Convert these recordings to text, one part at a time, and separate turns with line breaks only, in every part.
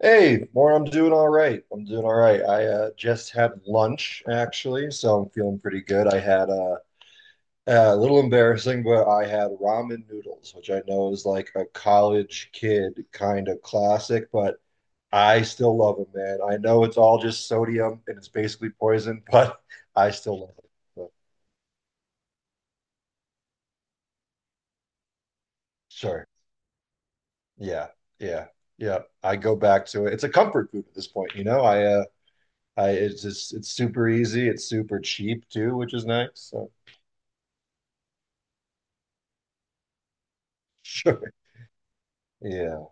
Hey, more. I'm doing all right. I'm doing all right. I just had lunch actually, so I'm feeling pretty good. I had A little embarrassing, but I had ramen noodles, which I know is like a college kid kind of classic, but I still love them, man. I know it's all just sodium and it's basically poison, but I still love it. So, sure. Yeah. Yeah. Yeah. I go back to it. It's a comfort food at this point. I It's just, it's super easy. It's super cheap too, which is nice. So. Sure. Yeah,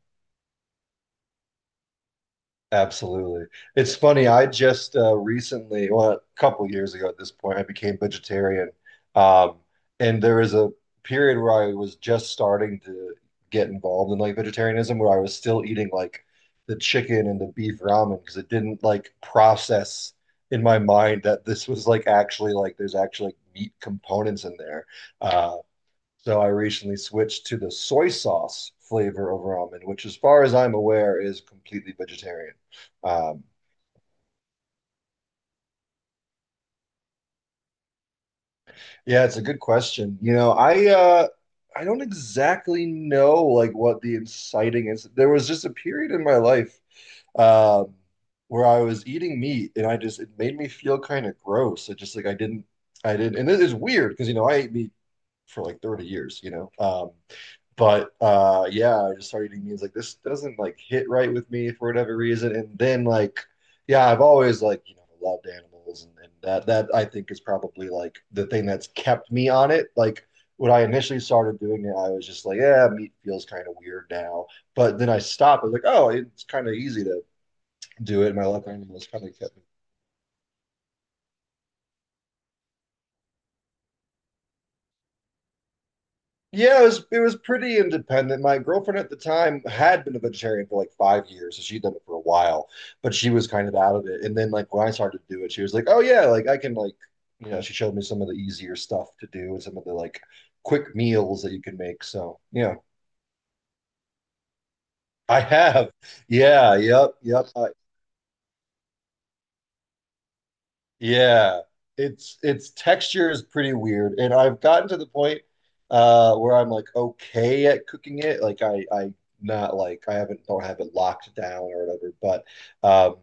absolutely. It's funny. I just recently, well, a couple of years ago at this point, I became vegetarian. Um, and there was a period where I was just starting to get involved in like vegetarianism, where I was still eating like the chicken and the beef ramen because it didn't like process in my mind that this was like actually like there's actually like meat components in there. uh, So I recently switched to the soy sauce flavor over almond, which, as far as I'm aware, is completely vegetarian. Um, yeah, it's a good question. You know, I don't exactly know like what the inciting is. There was just a period in my life, um, where I was eating meat, and I just it made me feel kind of gross. It just like I didn't, and it is weird because you know I ate meat for like 30 years. But yeah, I just started eating beans, like this doesn't like hit right with me for whatever reason, and then like yeah, I've always like you know loved animals, and that I think is probably like the thing that's kept me on it. Like when I initially started doing it, I was just like, yeah, meat feels kind of weird now, but then I stopped. I was like, oh, it's kind of easy to do it, and my love for animals kind of kept me. Yeah, it was pretty independent. My girlfriend at the time had been a vegetarian for like 5 years, so she'd done it for a while, but she was kind of out of it. And then like when I started to do it, she was like, "Oh yeah, like I can, like, you know." She showed me some of the easier stuff to do and some of the like quick meals that you can make. So yeah, I have. Yeah, yep, yep. Yeah, it's its texture is pretty weird, and I've gotten to the point where I'm like okay at cooking it. Like I not like I haven't don't have it locked down or whatever, but um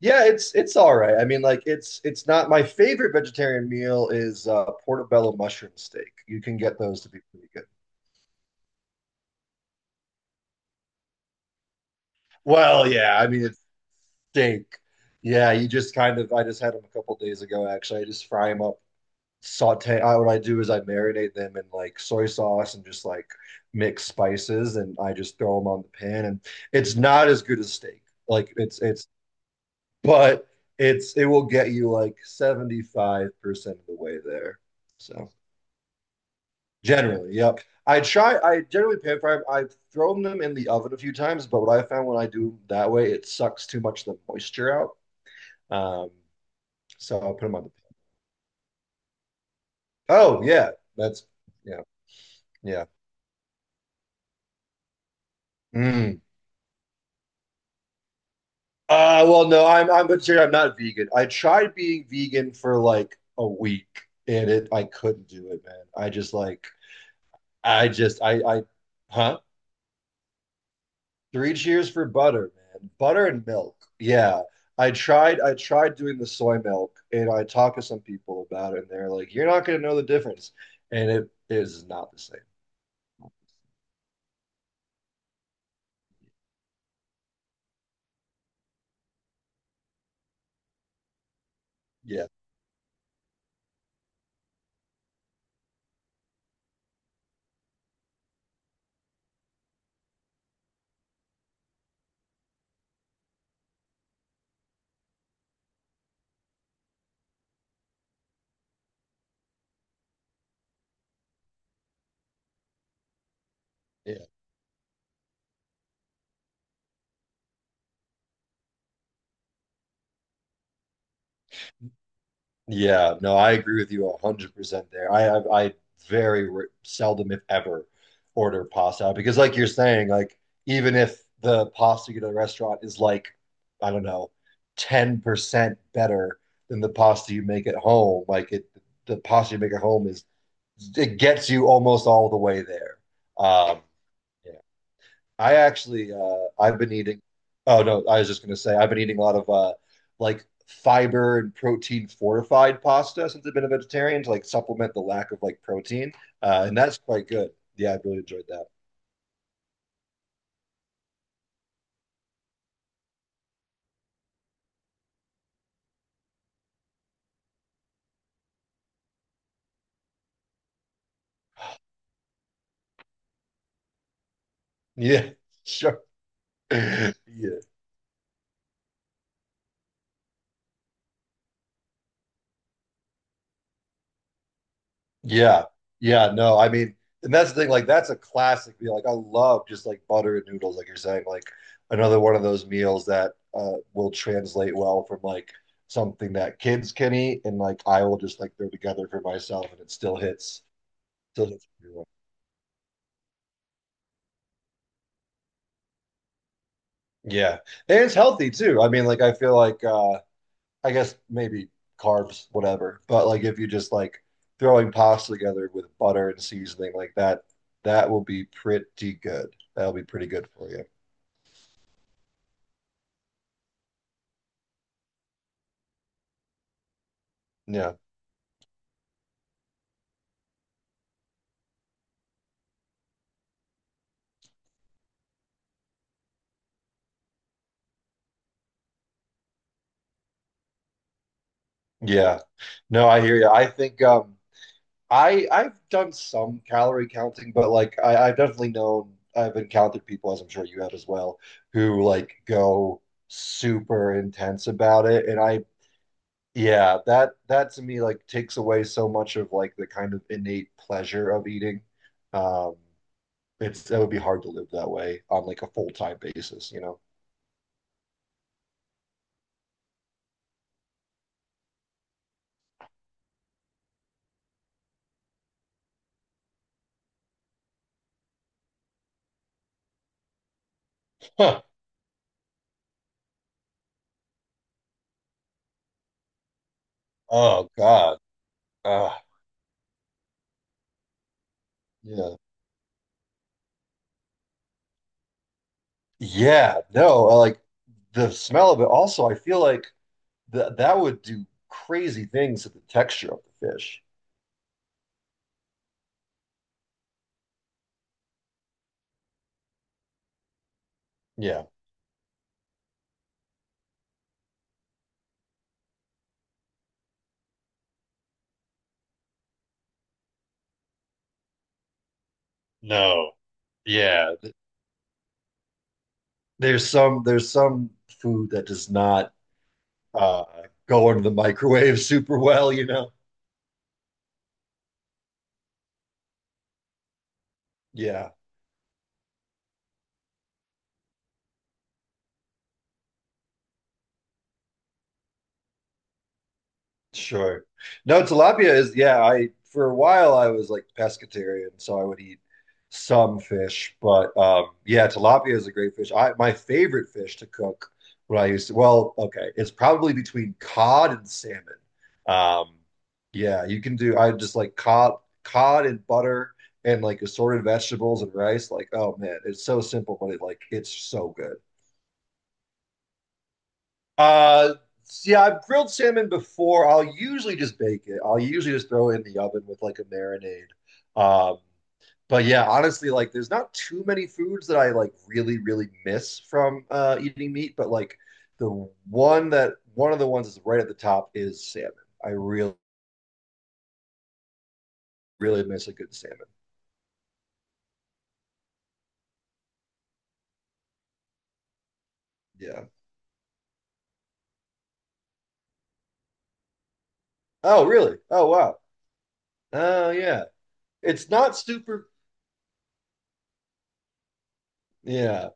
yeah, it's all right. I mean, like it's not, my favorite vegetarian meal is portobello mushroom steak. You can get those to be pretty good. Well, yeah, I mean it's steak. Yeah, you just kind of, I just had them a couple days ago actually. I just fry them up, saute. What I do is I marinate them in like soy sauce and just like mix spices, and I just throw them on the pan. And it's not as good as steak. Like but it will get you like 75% of the way there. So generally, yep. I try. I generally pan fry them. 'Em. I've thrown them in the oven a few times, but what I found when I do that way, it sucks too much of the moisture out. Um, so I'll put them on the pan. Oh yeah, that's yeah, yeah. Mm. Well, no, I'm vegetarian. I'm not vegan. I tried being vegan for like a week, and it I couldn't do it, man. I just like, I just, I, huh? Three cheers for butter, man. Butter and milk. Yeah. I tried doing the soy milk, and I talked to some people about it, and they're like, "You're not gonna know the difference," and it is not the same. Yeah. Yeah, no, I agree with you 100% there. I very seldom, if ever, order pasta because, like you're saying, like even if the pasta you get at the restaurant is like, I don't know, 10% better than the pasta you make at home, like the pasta you make at home is, it gets you almost all the way there. Um, yeah. I actually, I've been eating, oh no, I was just gonna say I've been eating a lot of like fiber and protein fortified pasta since I've been a vegetarian to like supplement the lack of like protein. And that's quite good. Yeah, I really enjoyed that. Yeah, sure. Yeah. Yeah. Yeah. No, I mean, and that's the thing, like that's a classic meal. Like I love just like butter and noodles, like you're saying, like another one of those meals that will translate well from like something that kids can eat and like I will just like throw together for myself and it still hits pretty well. Yeah. And it's healthy too. I mean, like I feel like, I guess maybe carbs, whatever. But like if you just like throwing pasta together with butter and seasoning like that, that will be pretty good. That'll be pretty good for you. Yeah. Yeah. No, I hear you. I think, I've done some calorie counting, but like I've definitely known, I've encountered people, as I'm sure you have as well, who like go super intense about it. And I yeah, that to me like takes away so much of like the kind of innate pleasure of eating. Um it's That would be hard to live that way on like a full-time basis, you know? Huh. Oh God. Uh, yeah. Yeah, no, like the smell of it. Also, I feel like that would do crazy things to the texture of the fish. Yeah, no, yeah. There's some food that does not, uh, go into the microwave super well. Yeah. Sure. No, tilapia is, yeah, I for a while I was like pescatarian, so I would eat some fish, but yeah, tilapia is a great fish. I My favorite fish to cook when I used to, well, okay, it's probably between cod and salmon. Um yeah, you can do I just like cod and butter and like assorted vegetables and rice. Like, oh man, it's so simple, but it, like, it's so good. Uh, yeah, I've grilled salmon before. I'll usually just bake it. I'll usually just throw it in the oven with like a marinade. Um, but yeah, honestly, like there's not too many foods that I like really, really miss from eating meat. But like the one that one of the ones that's right at the top is salmon. I really, really miss a good salmon. Yeah. Oh, really? Oh, wow. Oh, yeah. It's not super. Yeah.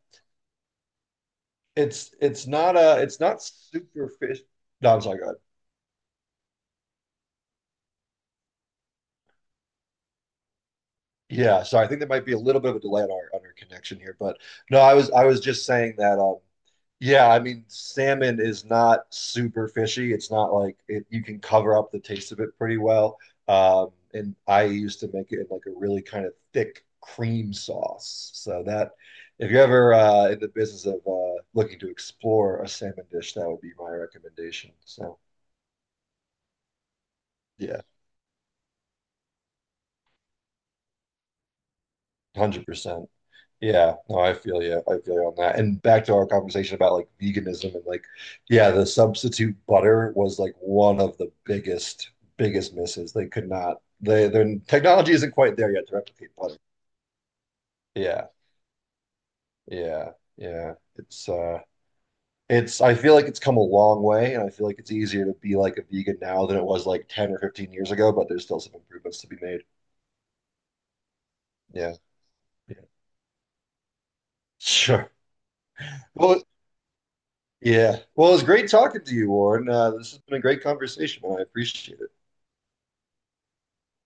It's not super fish. No, I'm sorry. Go ahead. Yeah, so I think there might be a little bit of a delay on our connection here, but no, I was just saying that, yeah, I mean salmon is not super fishy. It's not like it, you can cover up the taste of it pretty well. And I used to make it in like a really kind of thick cream sauce. So that if you're ever in the business of looking to explore a salmon dish, that would be my recommendation. So yeah, 100%. Yeah, no, I feel you. I feel you on that. And back to our conversation about like veganism and like, yeah, the substitute butter was like one of the biggest, biggest misses. They could not, their technology isn't quite there yet to replicate butter. Yeah, yeah, yeah. I feel like it's come a long way and I feel like it's easier to be like a vegan now than it was like 10 or 15 years ago, but there's still some improvements to be made. Yeah, yeah, sure. Well, yeah. Well, it was great talking to you, Warren. This has been a great conversation, and I appreciate it.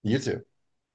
You too.